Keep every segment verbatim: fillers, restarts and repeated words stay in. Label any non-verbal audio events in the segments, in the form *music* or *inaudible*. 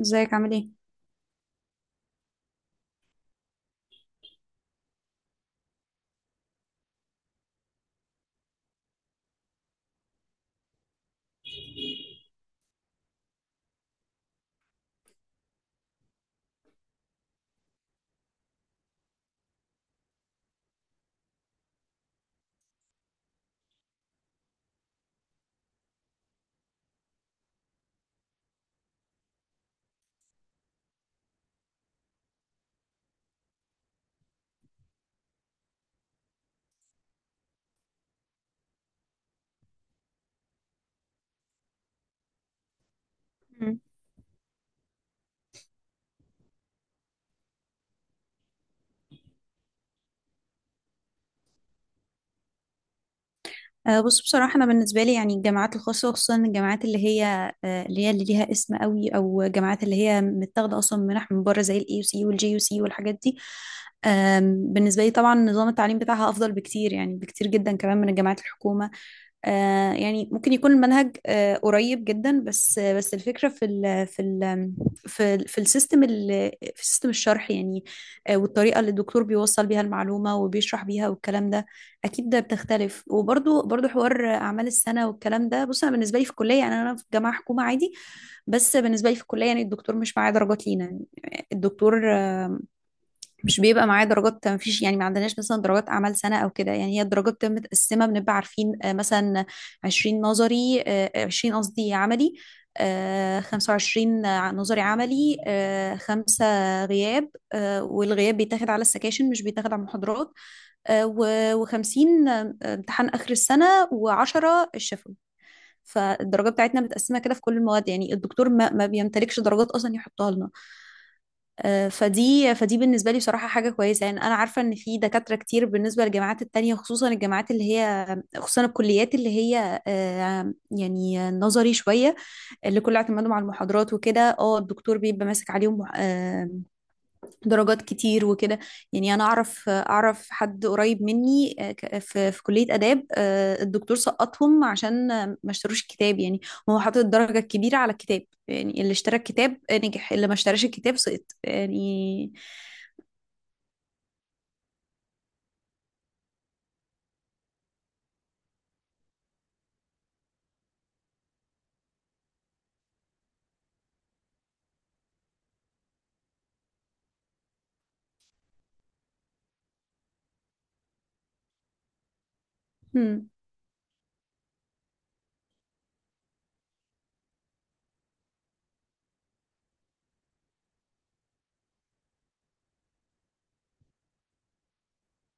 ازيك عامل ايه؟ مم. آه، بص بصراحة أنا بالنسبة لي يعني الجامعات الخاصة، وخصوصا الجامعات اللي هي آه، اللي هي اللي ليها اسم قوي، أو جامعات اللي هي متاخدة أصلا منح من بره زي الاي يو سي والجي يو سي والحاجات دي. آم، بالنسبة لي طبعا نظام التعليم بتاعها أفضل بكتير، يعني بكتير جدا كمان من الجامعات الحكومة. آه، يعني ممكن يكون المنهج آه، قريب جدا، بس آه، بس الفكرة في ال في ال في ال في السيستم ال- في سيستم الشرح يعني. آه، والطريقة اللي الدكتور بيوصل بيها المعلومة وبيشرح بيها والكلام ده اكيد ده بتختلف. وبرضو برضو حوار اعمال السنه والكلام ده. بص، انا بالنسبه لي في الكليه يعني، انا في جامعه حكومه عادي، بس بالنسبه لي في الكليه يعني الدكتور مش معايا درجات لينا، يعني الدكتور مش بيبقى معايا درجات. ما فيش يعني، ما عندناش مثلا درجات اعمال سنه او كده. يعني هي الدرجات بتبقى متقسمه، بنبقى عارفين آه، مثلا عشرين نظري، آه، عشرين قصدي عملي، آه، خمسة وعشرين نظري عملي، آه، خمسة غياب، آه، والغياب بيتاخد على السكاشن مش بيتاخد على المحاضرات، و50 امتحان آخر السنة، و10 الشفوي. فالدرجة بتاعتنا متقسمة كده في كل المواد، يعني الدكتور ما, ما بيمتلكش درجات أصلا يحطها لنا. آه، فدي فدي بالنسبة لي بصراحة حاجة كويسة. يعني أنا عارفة إن في دكاترة كتير بالنسبة للجامعات التانية، خصوصا الجامعات اللي هي، خصوصا الكليات اللي هي آه، يعني نظري شوية، اللي كله اعتمادهم على المحاضرات وكده. اه الدكتور بيبقى ماسك عليهم درجات كتير وكده. يعني انا اعرف اعرف حد قريب مني آه، ك- في في كلية آداب، آه، الدكتور سقطهم عشان آه، ما اشتروش الكتاب يعني. هو حاطط الدرجة الكبيرة على الكتاب، يعني اللي اشترى الكتاب نجح، اللي ما اشتراش الكتاب سقط يعني. هم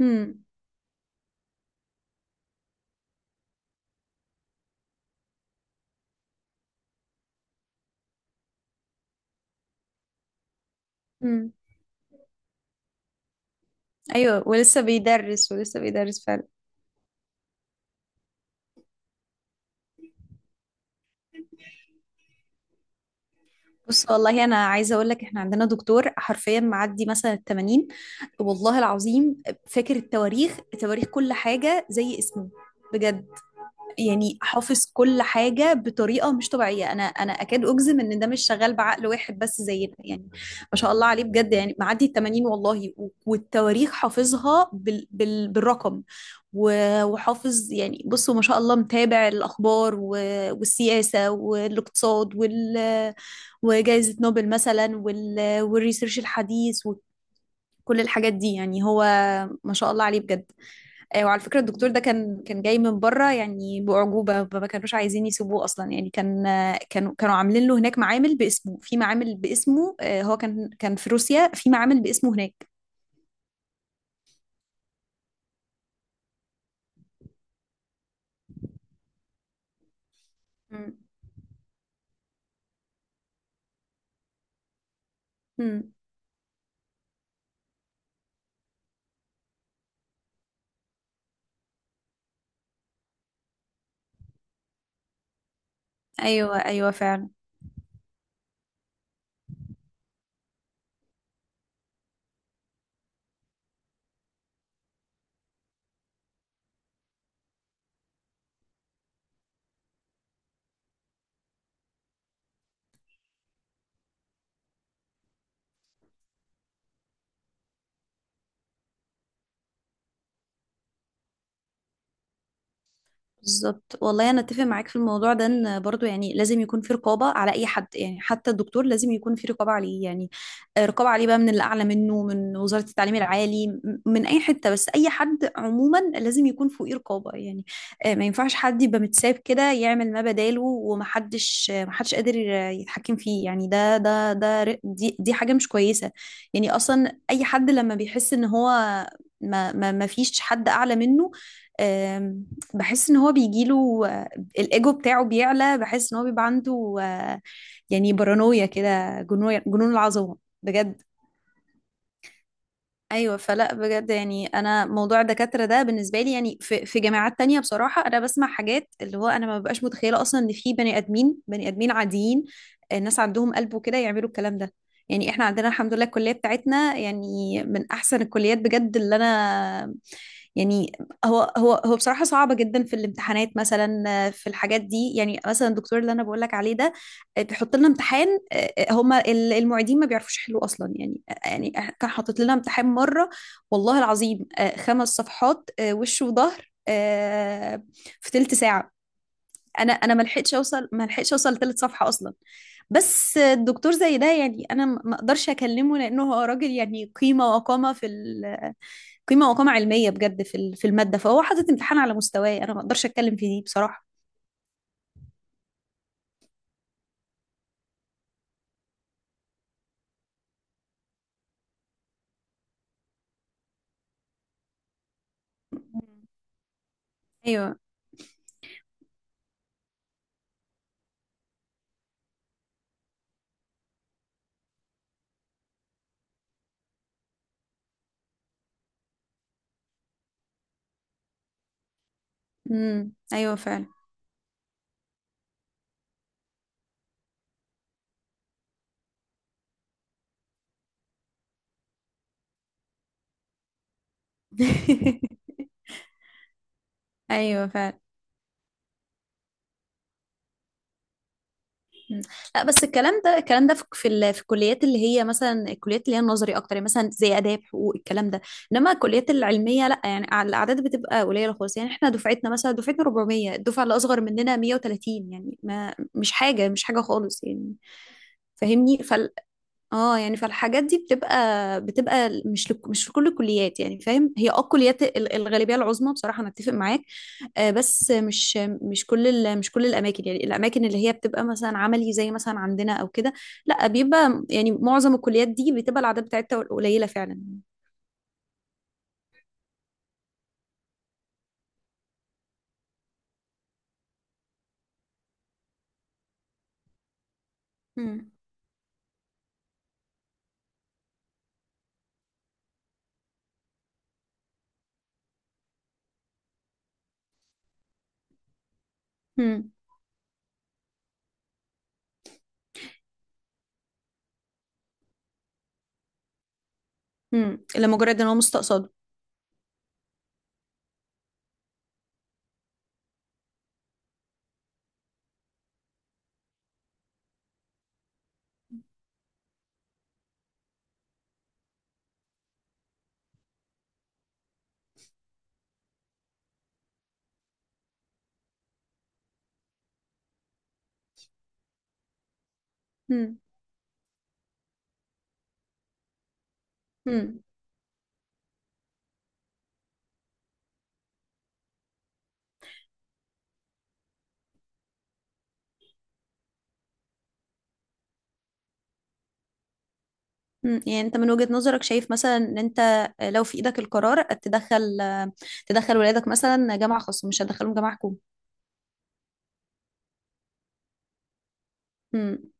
هم هم. ايوه، ولسه بيدرس، ولسه بيدرس فعلا. بص والله انا عايزه اقول لك، احنا عندنا دكتور حرفيا معدي مثلا ال ثمانين. والله العظيم، فاكر التواريخ، تواريخ كل حاجه زي اسمه بجد. يعني حافظ كل حاجة بطريقة مش طبيعية. أنا أنا أكاد أجزم إن ده مش شغال بعقل واحد بس زينا يعني. ما شاء الله عليه بجد. يعني معدي ال تمانين والله، و- والتواريخ حافظها بال بال بالرقم و- وحافظ يعني. بصوا، ما شاء الله، متابع الأخبار، و- والسياسة والاقتصاد، وال وجائزة نوبل مثلا، وال والريسيرش الحديث، وكل الحاجات دي يعني. هو ما شاء الله عليه بجد. آه، وعلى فكرة الدكتور ده كان كان جاي من بره يعني بأعجوبة. ما ما كانوش عايزين يسيبوه أصلا. يعني كان آه، كانوا كانوا عاملين له هناك معامل باسمه، في معامل باسمه آه، هو كان كان في روسيا في معامل باسمه هناك. مم. مم. أيوه أيوه فعلا. بالظبط، والله انا اتفق معاك في الموضوع ده. ان برضو يعني لازم يكون في رقابه على اي حد، يعني حتى الدكتور لازم يكون في رقابه عليه يعني. آه، رقابه عليه بقى من اللي اعلى منه، من وزاره التعليم العالي، م- من اي حته، بس اي حد عموما لازم يكون فوقيه رقابه يعني. آه، ما ينفعش حد يبقى متساب كده يعمل ما بداله ومحدش آه، محدش قادر آه، يتحكم فيه يعني. ده ده ده ر- دي دي حاجه مش كويسه. يعني اصلا اي حد لما بيحس ان هو ما ما ما فيش حد اعلى منه، بحس ان هو بيجيله آه، الايجو بتاعه بيعلى، بحس ان هو بيبقى عنده آه، يعني بارانويا كده، جنون جنون العظمه بجد. ايوه فلا بجد. يعني انا موضوع الدكاتره ده بالنسبه لي يعني، في في جامعات تانية بصراحه انا بسمع حاجات اللي هو انا ما ببقاش متخيله اصلا، ان في بني ادمين بني ادمين عاديين الناس عندهم قلب وكده يعملوا الكلام ده. يعني احنا عندنا الحمد لله الكليه بتاعتنا يعني من احسن الكليات بجد، اللي انا يعني. هو هو هو بصراحة صعبة جدا في الامتحانات مثلا، آه، في الحاجات دي يعني. مثلا الدكتور اللي انا بقول لك عليه ده آه، بيحط لنا امتحان. آه، آه، هما ال- المعيدين ما بيعرفوش يحلوا اصلا يعني. آه، يعني إح- كان حاطط لنا امتحان مرة والله العظيم آه، خمس صفحات آه، وش وظهر آه، في تلت ساعة. انا انا ما لحقتش اوصل ما لحقتش اوصل لتلت صفحة اصلا. بس الدكتور زي ده يعني انا ما اقدرش اكلمه، لانه هو راجل يعني قيمة وقامة في قيمة وقامة علمية بجد في ال- في المادة. فهو حاطط امتحان على مستواي، أنا ما أقدرش أتكلم في دي بصراحة. مم. أيوه. امم أيوه فعلا. *laughs* أيوه فعلا. مم. لا بس الكلام ده، الكلام ده في في, ال- في الكليات اللي هي مثلا، الكليات اللي هي النظري أكتر، يعني مثلا زي آداب حقوق الكلام ده. إنما الكليات العلمية لا، يعني ع- الأعداد بتبقى قليلة خالص. يعني إحنا دفعتنا، مثلا دفعتنا اربعمية، الدفعة اللي أصغر مننا مية وتلاتين، يعني ما، مش حاجة، مش حاجة خالص يعني. فاهمني. اه يعني فالحاجات دي بتبقى بتبقى مش لك مش في كل الكليات يعني، فاهم. هي اه الكليات ال- الغالبيه العظمى بصراحه انا اتفق معاك. آه، بس مش، مش كل ال- مش كل الاماكن يعني. الاماكن اللي هي بتبقى مثلا عملي زي مثلا عندنا او كده لا، بيبقى يعني معظم الكليات دي بتبقى الاعداد بتاعتها قليله فعلا. امم. امم. امم لمجرد ان هو مستقصده. امم. امم. امم يعني انت من وجهه نظرك شايف مثلا ان انت آه، لو في ايدك القرار، تدخل تدخل ولادك مثلا جامعه خاصه مش هتدخلهم جامعه حكومه؟ مم.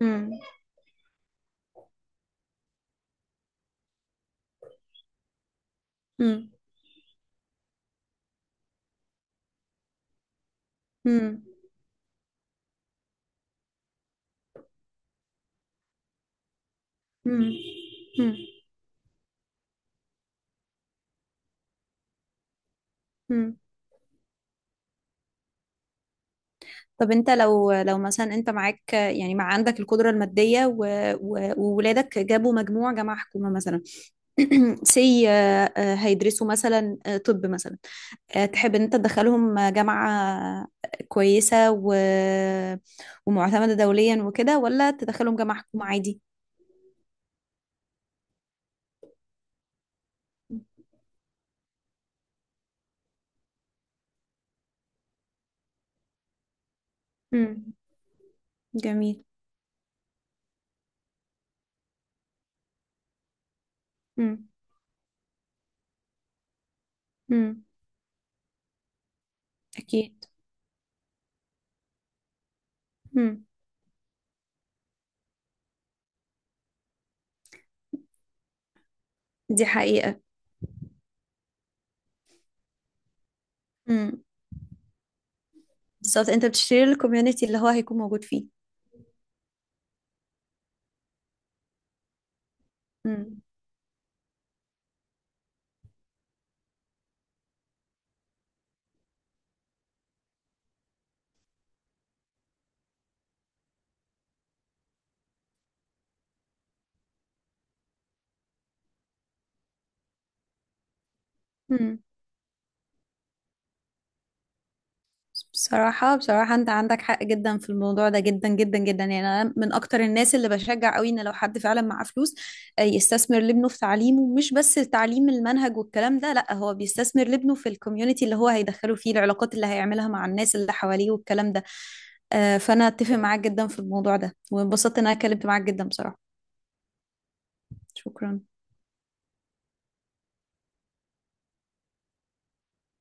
مم. مم. مم. مم. مم. مم. طب انت لو، لو مثلا انت معاك يعني، مع عندك القدرة المادية و... و... وولادك جابوا مجموع جامعة حكومة مثلا، *clears throat* سي آه، آه، هيدرسوا مثلا آه، طب مثلا آه، تحب ان انت تدخلهم جامعة كويسة و... ومعتمدة دوليا وكده، ولا تدخلهم جامعة حكومة عادي؟ مم. جميل. مم. مم. اكيد. مم. دي حقيقة. بالظبط، انت بتشتري الكوميونتي اللي هو هيكون موجود فيه. امم. امم. بصراحة بصراحة انت عندك حق جدا في الموضوع ده، جدا جدا جدا. يعني انا من اكتر الناس اللي بشجع قوي ان لو حد فعلا معاه فلوس آه، يستثمر لابنه في تعليمه. مش بس تعليم المنهج والكلام ده، لا، هو بيستثمر لابنه في الكوميونتي اللي هو هيدخله فيه، العلاقات اللي هيعملها مع الناس اللي حواليه والكلام ده. آه، فانا اتفق معاك جدا في الموضوع ده، وانبسطت ان انا اتكلمت معاك جدا بصراحة. شكرا.